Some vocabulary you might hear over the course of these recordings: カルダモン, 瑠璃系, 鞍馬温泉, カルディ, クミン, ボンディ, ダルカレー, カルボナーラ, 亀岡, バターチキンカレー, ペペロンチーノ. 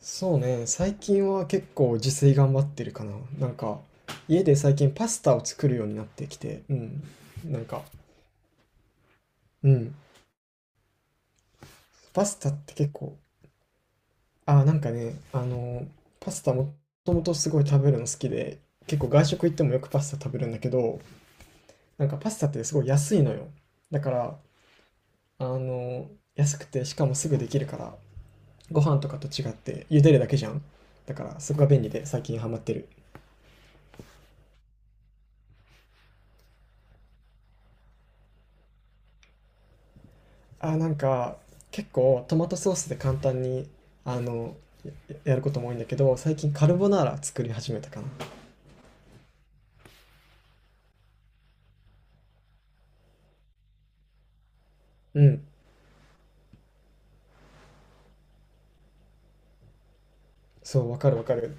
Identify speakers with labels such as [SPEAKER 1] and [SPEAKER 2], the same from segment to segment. [SPEAKER 1] そうね、最近は結構自炊頑張ってるかな。なんか、家で最近パスタを作るようになってきて、うん。なんか、うん。パスタって結構、あ、なんかね、あの、パスタもともとすごい食べるの好きで、結構外食行ってもよくパスタ食べるんだけど、なんかパスタってすごい安いのよ。だから、あの、安くてしかもすぐできるから、ご飯とかと違って茹でるだけじゃん。だから、そこが便利で最近ハマってる。あ、なんか、結構トマトソースで簡単に、あの、や、やることも多いんだけど、最近カルボナーラ作り始めたかな。うん。そう、わかる。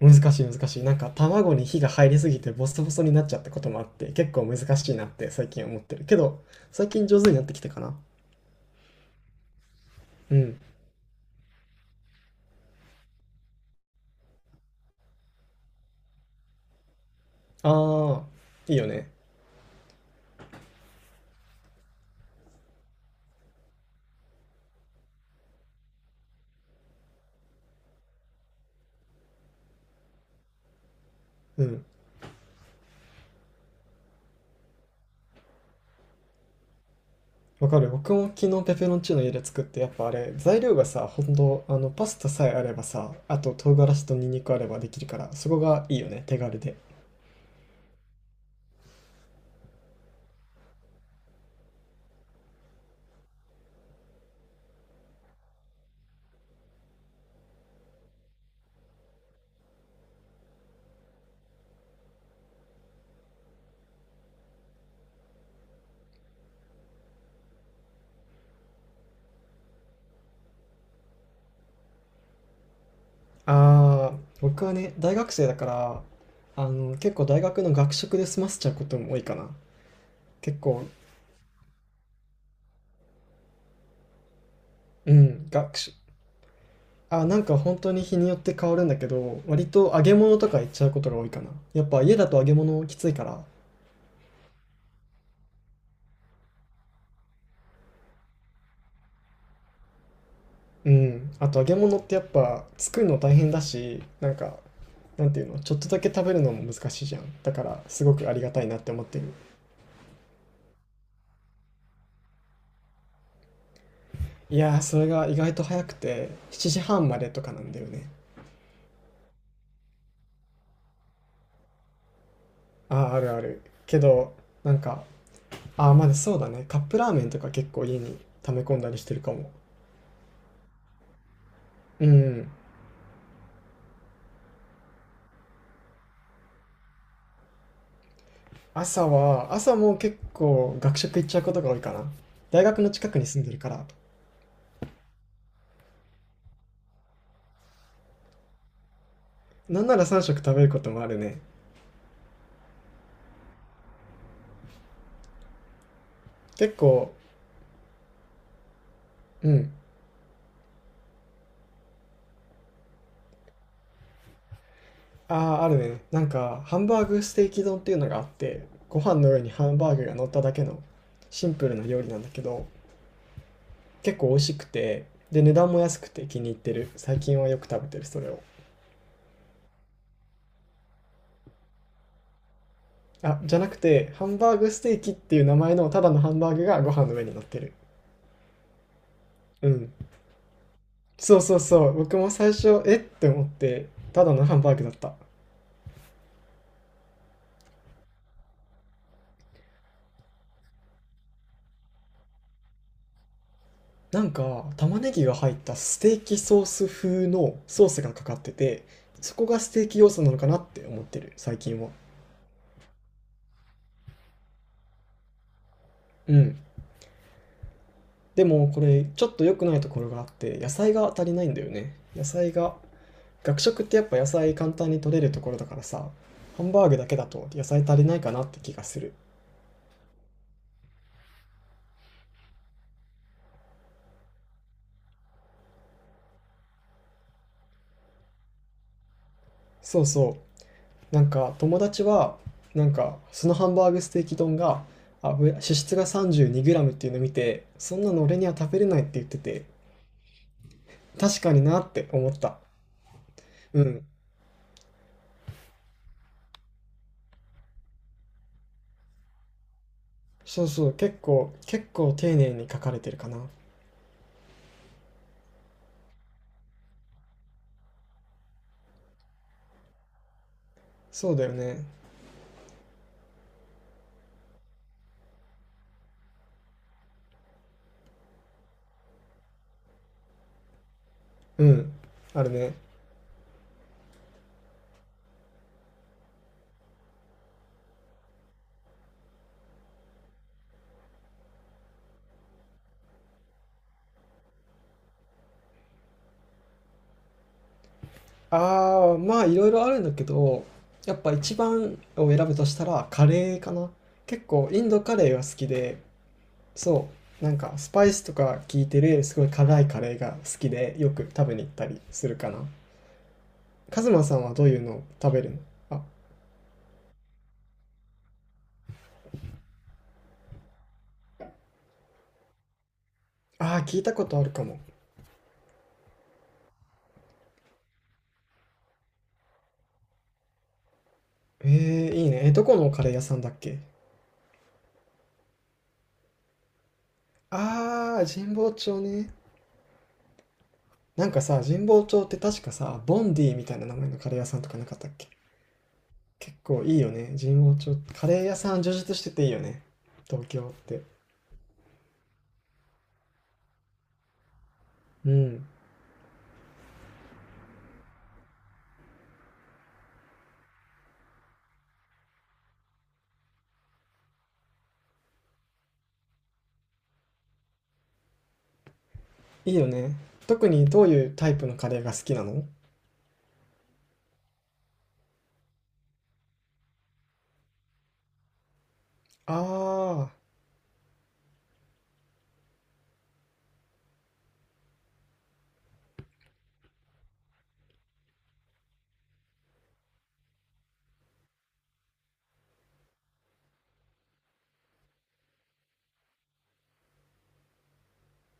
[SPEAKER 1] 難しい。なんか卵に火が入りすぎてボソボソになっちゃったこともあって、結構難しいなって最近思ってる。けど、最近上手になってきたかな。うん。ああ、いいよね。うん。わかる。僕も昨日ペペロンチーノ家で作って、やっぱあれ材料がさ、ほんとあのパスタさえあればさ、あと唐辛子とニンニクあればできるから、そこがいいよね、手軽で。ああ、僕はね大学生だから、結構大学の学食で済ませちゃうことも多いかな。結構うん、学食、なんか本当に日によって変わるんだけど、割と揚げ物とかいっちゃうことが多いかな。やっぱ家だと揚げ物きついから。うん。あと揚げ物ってやっぱ作るの大変だし、なんていうの、ちょっとだけ食べるのも難しいじゃん。だからすごくありがたいなって思ってる。いやー、それが意外と早くて、7時半までとかなんだよね。ああ、あるある。けど、なんか、ああ、まだそうだね。カップラーメンとか結構家に溜め込んだりしてるかも。うん。朝は、朝も結構学食行っちゃうことが多いかな。大学の近くに住んでるから。なんなら3食食べることもあるね。結構、うん。ああ、あるね。なんか、ハンバーグステーキ丼っていうのがあって、ご飯の上にハンバーグが乗っただけのシンプルな料理なんだけど、結構美味しくて、で、値段も安くて気に入ってる。最近はよく食べてる、それを。あ、じゃなくて、ハンバーグステーキっていう名前のただのハンバーグがご飯の上に乗ってる。うん。そうそうそう。僕も最初、えって思って、ただのハンバーグだった。なんか、玉ねぎが入ったステーキソース風のソースがかかってて、そこがステーキ要素なのかなって思ってる、最近は。うん。でも、これ、ちょっと良くないところがあって、野菜が足りないんだよね。野菜が、学食ってやっぱ野菜簡単に取れるところだからさ、ハンバーグだけだと野菜足りないかなって気がする。そうそう。なんか、友達は、そのハンバーグステーキ丼が、あ、脂質が 32g っていうのを見て、そんなの俺には食べれないって言ってて、確かになって思った。うん。そうそう、結構丁寧に書かれてるかな。そうだよね。うん。あるね。ああ、まあいろいろあるんだけど、やっぱ一番を選ぶとしたらカレーかな。結構インドカレーが好きで、そう、なんかスパイスとか効いてるすごい辛いカレーが好きでよく食べに行ったりするかな。カズマさんはどういうのを食べるの？あ、あー聞いたことあるかも。えー、いいね。え、どこのカレー屋さんだっけ？ああ、神保町ね。なんかさ、神保町って確かさ、ボンディみたいな名前のカレー屋さんとかなかったっけ？結構いいよね、神保町。カレー屋さん充実してていいよね、東京って。うん、いいよね。特にどういうタイプのカレーが好きなの？ああ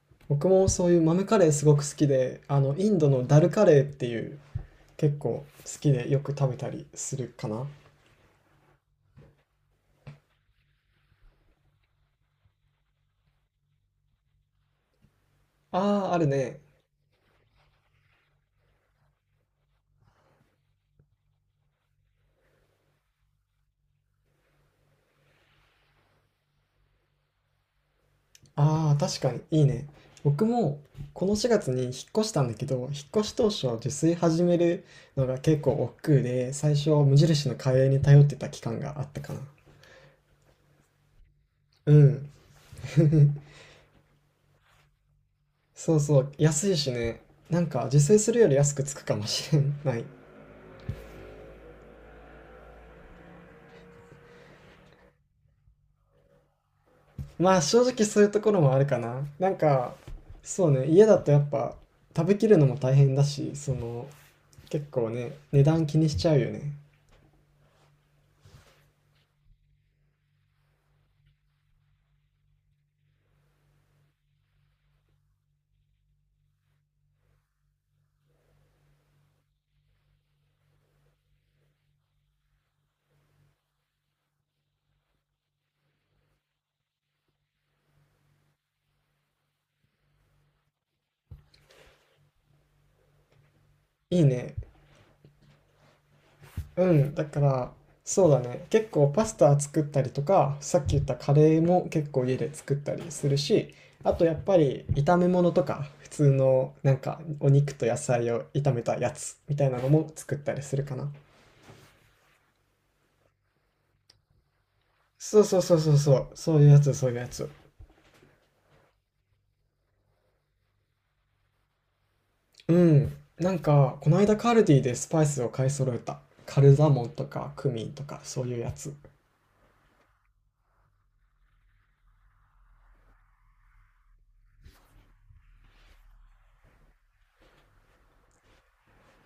[SPEAKER 1] ー、僕もそういう豆カレーすごく好きで、あの、インドのダルカレーっていう、結構好きでよく食べたりするかな。ああ、あるね。ああ、確かに、いいね。僕も、この4月に引っ越したんだけど、引っ越し当初、自炊始めるのが結構億劫で、最初、無印のカレーに頼ってた期間があったかな。うん。そうそう、安いしね。なんか、自炊するより安くつくかもしれない。まあ、正直そういうところもあるかな。そうね、家だとやっぱ、食べきるのも大変だし、その、結構ね、値段気にしちゃうよね。いいね。うん、だから、そうだね。結構パスタ作ったりとか、さっき言ったカレーも結構家で作ったりするし、あとやっぱり炒め物とか、普通のなんかお肉と野菜を炒めたやつみたいなのも作ったりするかな。そうそうそうそうそう、そういうやつ、そういうやつ。うん。なんか、この間カルディでスパイスを買い揃えた。カルダモンとかクミンとかそういうやつ。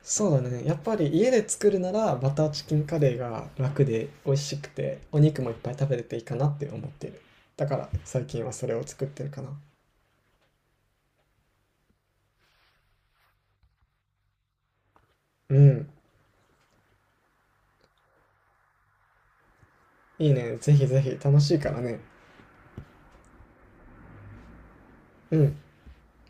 [SPEAKER 1] そうだね。やっぱり家で作るならバターチキンカレーが楽で美味しくてお肉もいっぱい食べれていいかなって思っている。だから最近はそれを作ってるかな。うん。いいね。ぜひぜひ楽しいからね。うん。